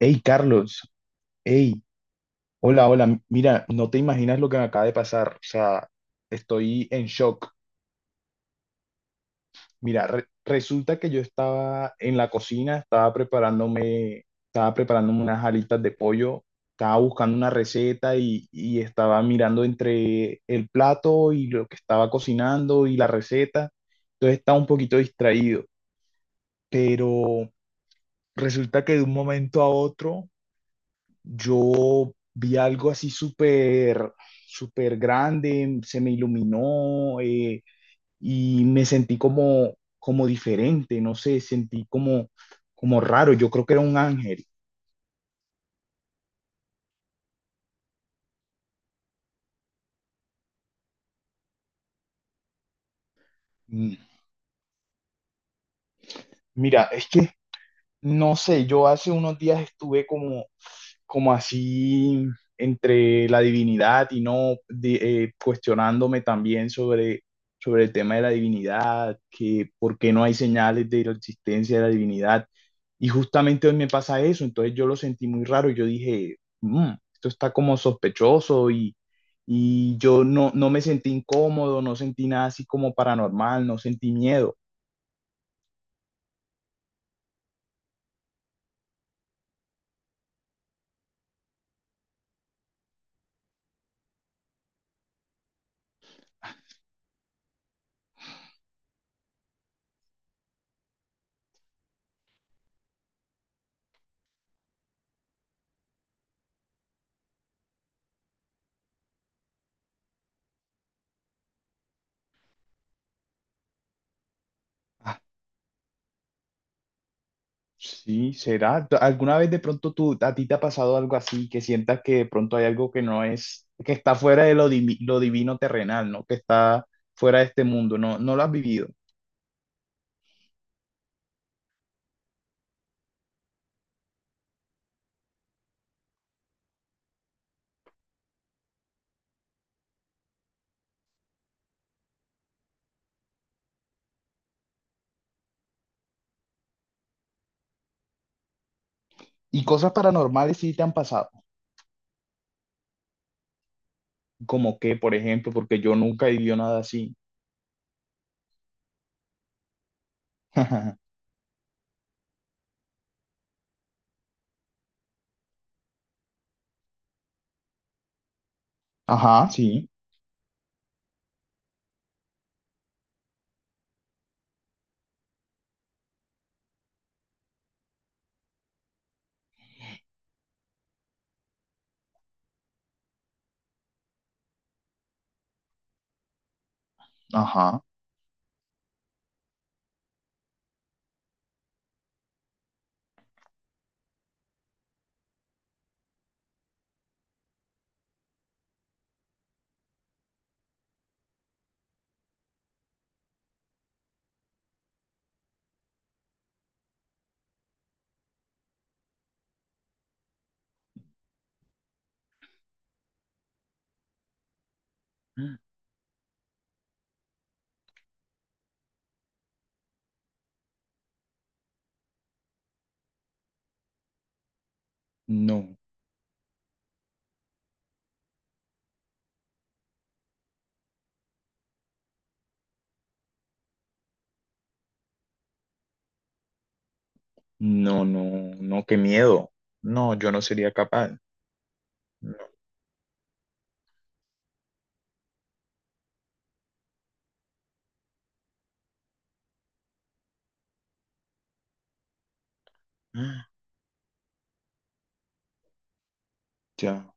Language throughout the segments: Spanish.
Hey, Carlos, hey, hola, hola, mira, no te imaginas lo que me acaba de pasar, o sea, estoy en shock. Mira, resulta que yo estaba en la cocina, estaba preparándome unas alitas de pollo, estaba buscando una receta y estaba mirando entre el plato y lo que estaba cocinando y la receta, entonces estaba un poquito distraído, pero resulta que de un momento a otro yo vi algo así súper, súper grande, se me iluminó, y me sentí como, como diferente, no sé, sentí como, como raro, yo creo que era un ángel. Mm, Mira, es que, no sé, yo hace unos días estuve como, como así entre la divinidad y no de- cuestionándome también sobre el tema de la divinidad, que por qué no hay señales de la existencia de la divinidad. Y justamente hoy me pasa eso, entonces yo lo sentí muy raro, yo dije, "Mm, esto está como sospechoso", y yo no me sentí incómodo, no sentí nada así como paranormal, no sentí miedo. Sí, será. ¿Alguna vez de pronto tú, a ti te ha pasado algo así que sientas que de pronto hay algo que no es, que está fuera de lo, lo divino terrenal, ¿no? Que está fuera de este mundo, no, no lo has vivido. ¿Y cosas paranormales sí te han pasado, como que, por ejemplo? Porque yo nunca he vivido nada así. Ajá, sí, ajá. No, no, no, no, qué miedo. No, yo no sería capaz. No. Ya.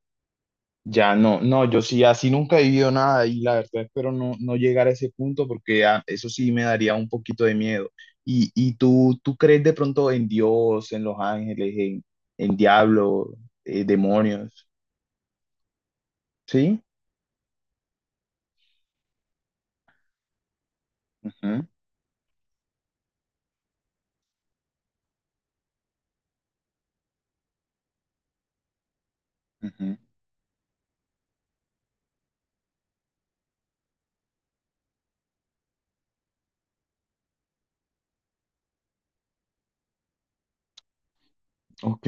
Ya no, no, yo sí, así nunca he vivido nada y la verdad espero no llegar a ese punto porque ah, eso sí me daría un poquito de miedo. Y tú, tú crees de pronto en Dios, en los ángeles, en diablo, demonios? ¿Sí? Ujú, ujú. Ok,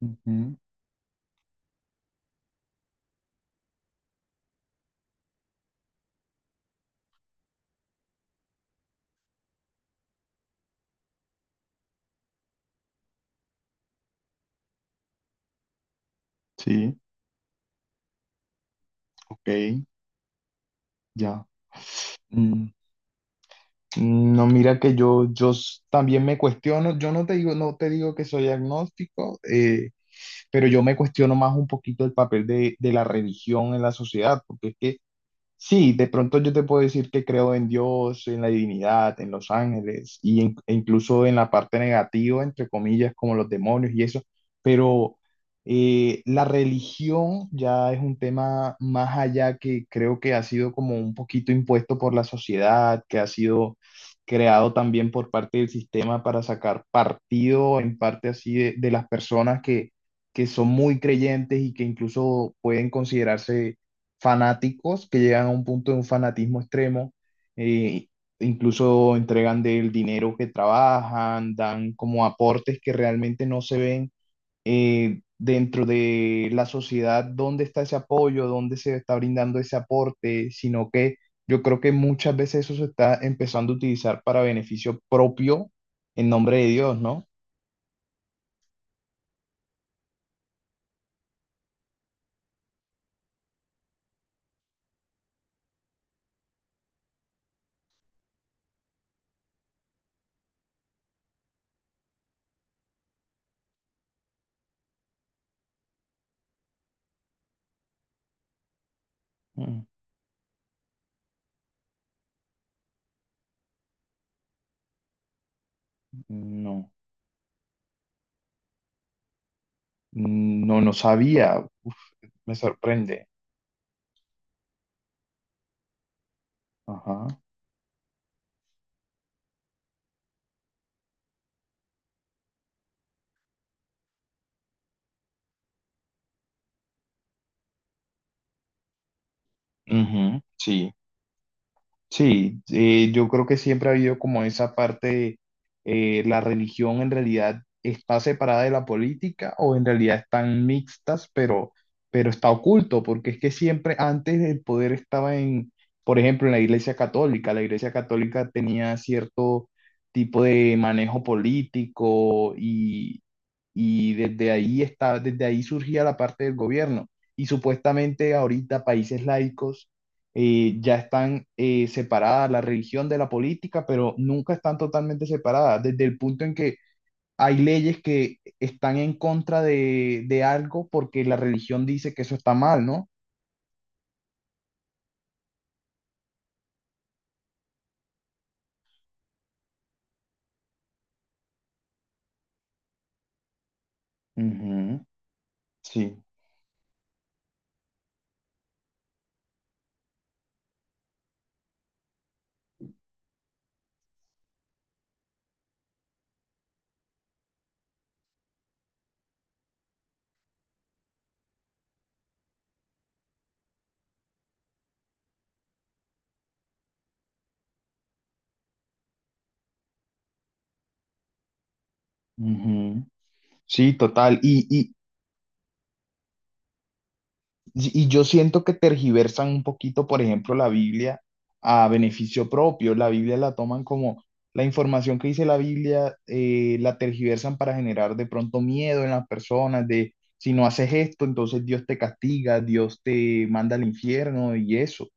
ujú, sí, ok, ya. Mm, no, mira que yo, también me cuestiono, yo no te digo, no te digo que soy agnóstico, pero yo me cuestiono más un poquito el papel de la religión en la sociedad, porque es que sí, de pronto yo te puedo decir que creo en Dios, en la divinidad, en los ángeles y e incluso en la parte negativa, entre comillas, como los demonios y eso, pero la religión ya es un tema más allá, que creo que ha sido como un poquito impuesto por la sociedad, que ha sido creado también por parte del sistema para sacar partido en parte así de las personas que son muy creyentes y que incluso pueden considerarse fanáticos, que llegan a un punto de un fanatismo extremo, eh, incluso entregan del dinero que trabajan, dan como aportes que realmente no se ven dentro de la sociedad, dónde está ese apoyo, dónde se está brindando ese aporte, sino que yo creo que muchas veces eso se está empezando a utilizar para beneficio propio en nombre de Dios, ¿no? Mm, no, no, no sabía. Uf, me sorprende. Ajá. Ujú, sí. Sí, yo creo que siempre ha habido como esa parte, la religión en realidad está separada de la política, o en realidad están mixtas, pero está oculto, porque es que siempre antes el poder estaba en, por ejemplo, en la Iglesia Católica. La Iglesia Católica tenía cierto tipo de manejo político y desde ahí está, desde ahí surgía la parte del gobierno. Y supuestamente ahorita países laicos ya están separadas la religión de la política, pero nunca están totalmente separadas, desde el punto en que hay leyes que están en contra de algo porque la religión dice que eso está mal, ¿no? Ujú, sí. Ujú. Sí, total. Y, y y yo siento que tergiversan un poquito, por ejemplo, la Biblia, a beneficio propio. La Biblia la toman como la información que dice la Biblia, la tergiversan para generar de pronto miedo en las personas, de si no haces esto, entonces Dios te castiga, Dios te manda al infierno y eso.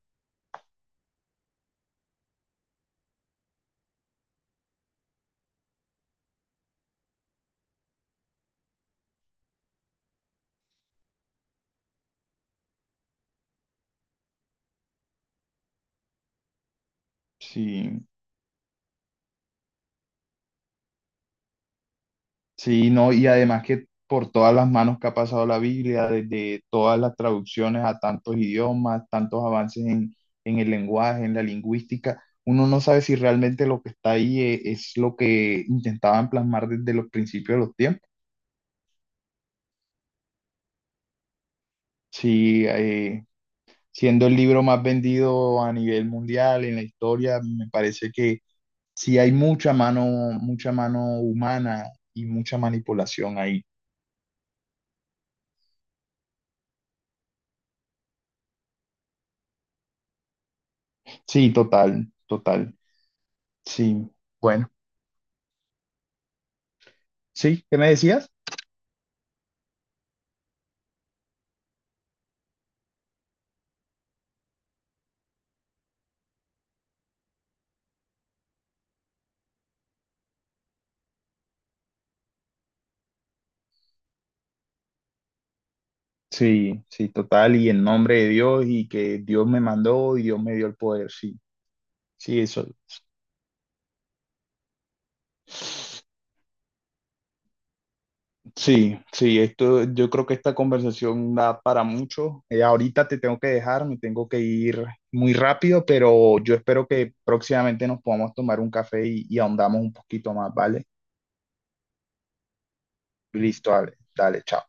Sí. Sí, no, y además que por todas las manos que ha pasado la Biblia, desde todas las traducciones a tantos idiomas, tantos avances en el lenguaje, en la lingüística, uno no sabe si realmente lo que está ahí es lo que intentaban plasmar desde los principios de los tiempos. Sí, siendo el libro más vendido a nivel mundial en la historia, me parece que sí hay mucha mano humana y mucha manipulación ahí. Sí, total, total. Sí, bueno. Sí, ¿qué me decías? Sí, sí, total, y en nombre de Dios y que Dios me mandó y Dios me dio el poder, sí, sí, eso, sí, sí, esto, yo creo que esta conversación da para mucho. Ahorita te tengo que dejar, me tengo que ir muy rápido, pero yo espero que próximamente nos podamos tomar un café y ahondamos un poquito más, ¿vale? Listo, dale, dale, chao.